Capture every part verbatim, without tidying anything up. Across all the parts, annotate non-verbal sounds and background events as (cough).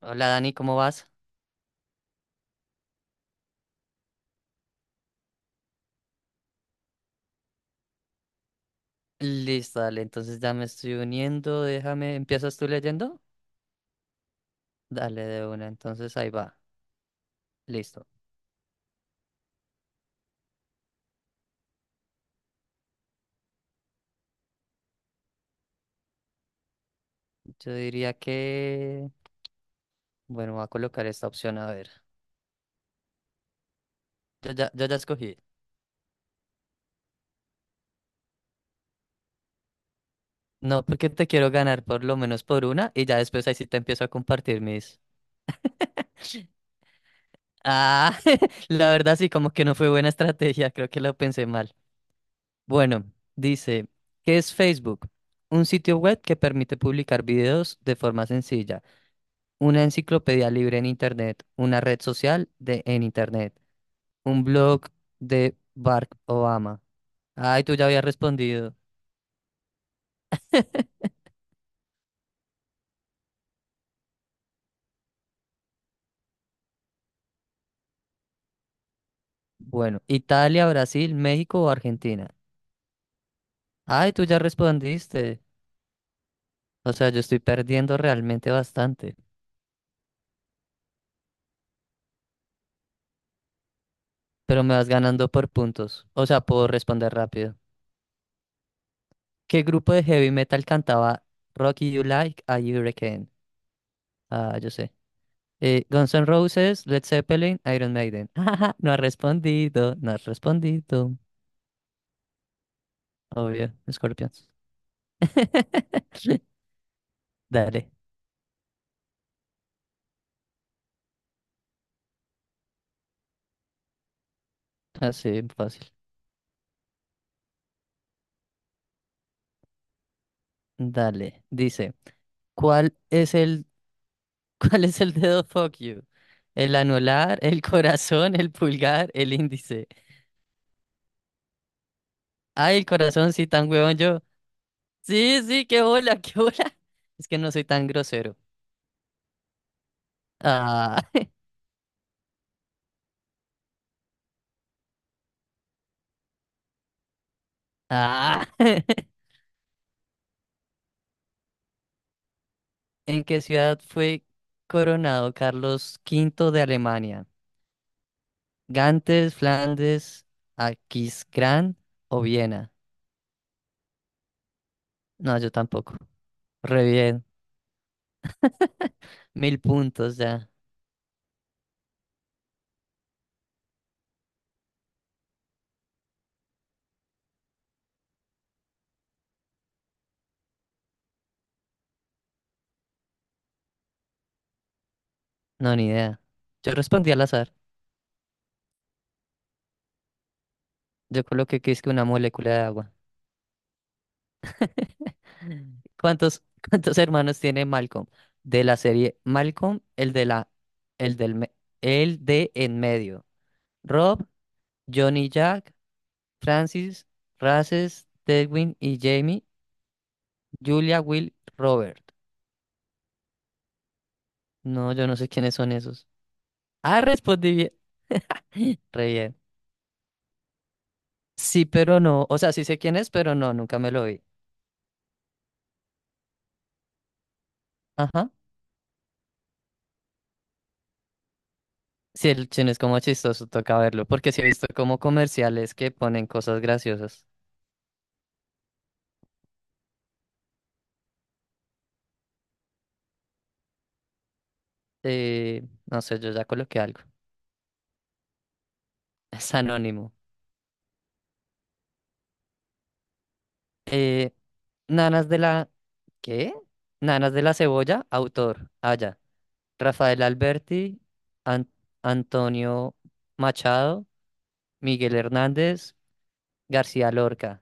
Hola Dani, ¿cómo vas? Listo, dale, entonces ya me estoy uniendo, déjame, ¿empiezas tú leyendo? Dale de una, entonces ahí va, listo. Yo diría que, bueno, voy a colocar esta opción, a ver. Yo ya, yo ya escogí. No, porque te quiero ganar por lo menos por una y ya después ahí sí te empiezo a compartir mis... Ah, (laughs) la verdad sí, como que no fue buena estrategia, creo que lo pensé mal. Bueno, dice, ¿qué es Facebook? Un sitio web que permite publicar videos de forma sencilla. Una enciclopedia libre en Internet, una red social de en Internet, un blog de Barack Obama. Ay, tú ya habías respondido. Bueno, Italia, Brasil, México o Argentina. Ay, tú ya respondiste. O sea, yo estoy perdiendo realmente bastante, pero me vas ganando por puntos. O sea, puedo responder rápido. ¿Qué grupo de heavy metal cantaba Rocky You Like a Hurricane? Ah, yo sé. Eh, Guns N' Roses, Led Zeppelin, Iron Maiden. (laughs) No ha respondido, no ha respondido. Obvio, Scorpions. (laughs) Dale, así fácil. Dale, dice, ¿cuál es el, (laughs) ¿cuál es el dedo fuck you? El anular, el corazón, el pulgar, el índice. Ay, el corazón, sí, tan huevón yo. Sí, sí, qué bola, qué bola. Es que no soy tan grosero. Ah, (laughs) ah. (laughs) ¿En qué ciudad fue coronado Carlos quinto de Alemania? ¿Gantes, Flandes, Aquisgrán o Viena? No, yo tampoco. Re bien. Mil puntos ya. No, ni idea. Yo respondí al azar. Yo coloqué que es que una molécula de agua. (laughs) ¿Cuántos, ¿cuántos hermanos tiene Malcolm? De la serie Malcolm, el de la, el del, me- el de en medio. Rob, Johnny Jack, Francis, Races, Tedwin y Jamie. Julia, Will, Robert. No, yo no sé quiénes son esos. Ah, respondí bien. (laughs) Re bien. Sí, pero no. O sea, sí sé quién es, pero no, nunca me lo vi. Ajá. Sí, el chino es como chistoso, toca verlo, porque sí he visto como comerciales que ponen cosas graciosas. Eh, no sé, yo ya coloqué algo. (laughs) Es anónimo. Eh, Nanas de la... ¿Qué? Nanas de la Cebolla, autor. Ah, ya. Rafael Alberti, An- Antonio Machado, Miguel Hernández, García Lorca.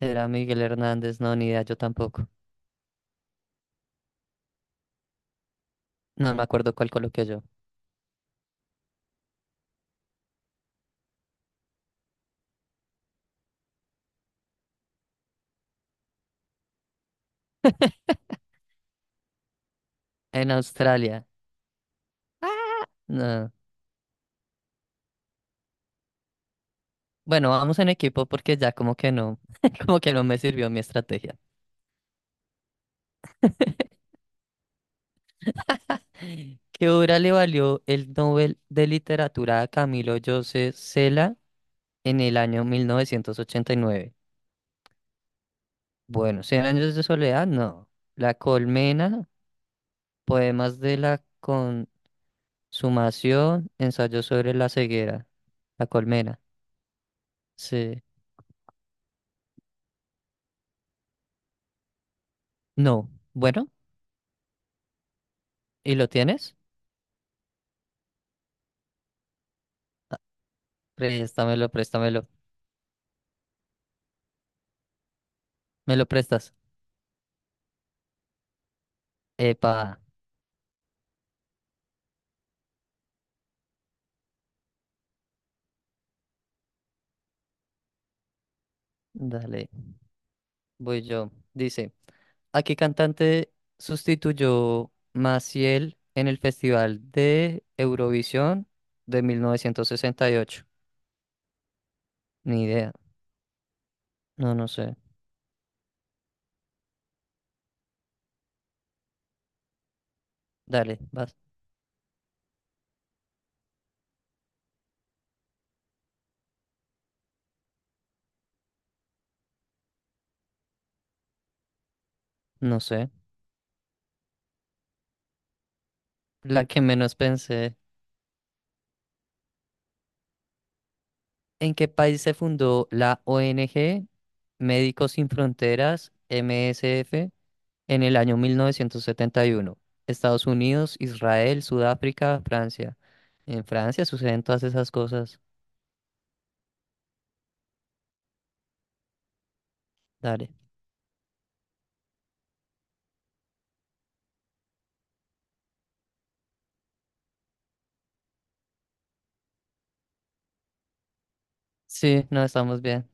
Era Miguel Hernández, no, ni idea, yo tampoco. No me acuerdo cuál coloqué yo. En Australia, no. Bueno, vamos en equipo porque ya como que no, (laughs) como que no me sirvió mi estrategia. ¿Qué obra le valió el Nobel de Literatura a Camilo José Cela en el año mil novecientos ochenta y nueve? Bueno, ¿Cien años de soledad? No. La colmena, poemas de la consumación, ensayo sobre la ceguera. La colmena. Sí. No. Bueno, ¿y lo tienes? Préstamelo, préstamelo. ¿Me lo prestas? Epa. Dale. Voy yo. Dice, ¿a qué cantante sustituyó Maciel en el Festival de Eurovisión de mil novecientos sesenta y ocho? Ni idea. No, no sé. Dale, vas. No sé. La que menos pensé. ¿En qué país se fundó la O N G Médicos Sin Fronteras, M S F? En el año mil novecientos setenta y uno, Estados Unidos, Israel, Sudáfrica, Francia. En Francia suceden todas esas cosas. Dale. Sí, no estamos bien.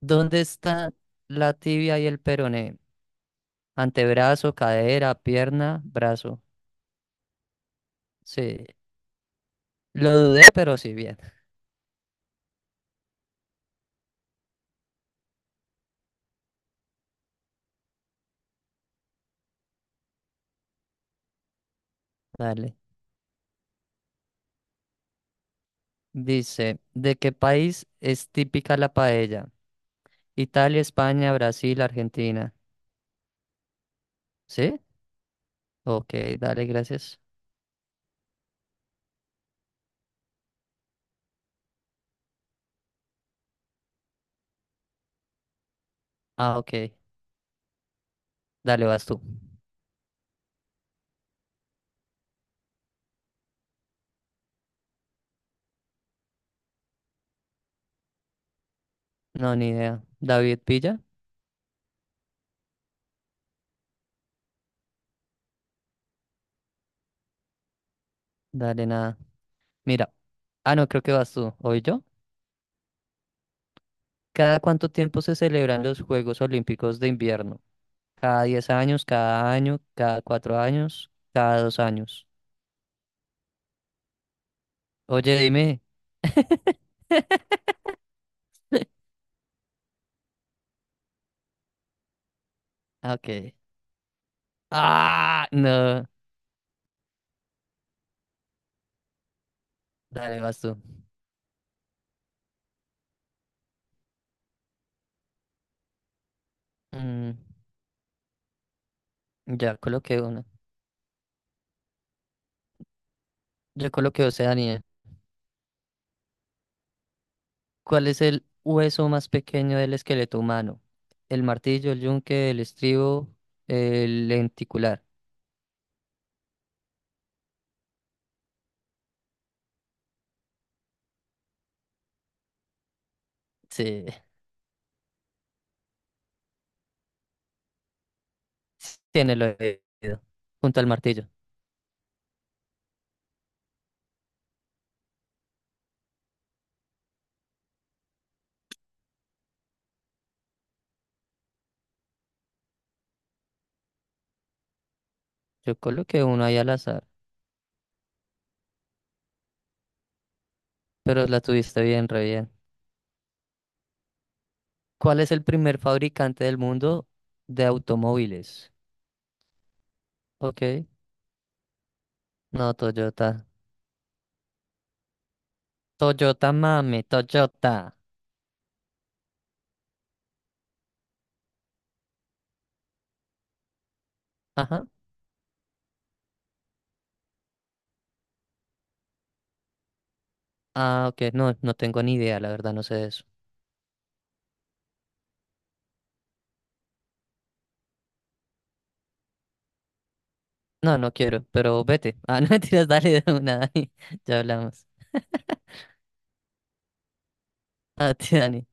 ¿Dónde está la tibia y el peroné? Antebrazo, cadera, pierna, brazo. Sí, lo dudé, pero sí, bien. Dale. Dice, ¿de qué país es típica la paella? Italia, España, Brasil, Argentina. ¿Sí? Ok, dale, gracias. Ah, ok. Dale, vas tú. No, ni idea. David Villa, dale nada. Mira, ah, no, creo que vas tú, ¿hoy yo? ¿Cada cuánto tiempo se celebran los Juegos Olímpicos de invierno? ¿Cada diez años, cada año, cada cuatro años, cada dos años? Oye, dime. (laughs) Ah, ok. Ah, no. Dale, vas tú. Mm, ya coloqué una. Yo coloqué Oceanía. ¿Cuál es el hueso más pequeño del esqueleto humano? El martillo, el yunque, el estribo, el lenticular. Sí. Sí, en el oído, junto al martillo. Yo coloqué uno ahí al azar, pero la tuviste bien, re bien. ¿Cuál es el primer fabricante del mundo de automóviles? Ok, no, Toyota. Toyota, mami, Toyota. Ajá. Ah, ok, no, no tengo ni idea, la verdad, no sé de eso. No, no quiero, pero vete. Ah, (laughs) no mentiras, dale de una, Dani. (laughs) Ya hablamos. A (laughs) ti, Dani.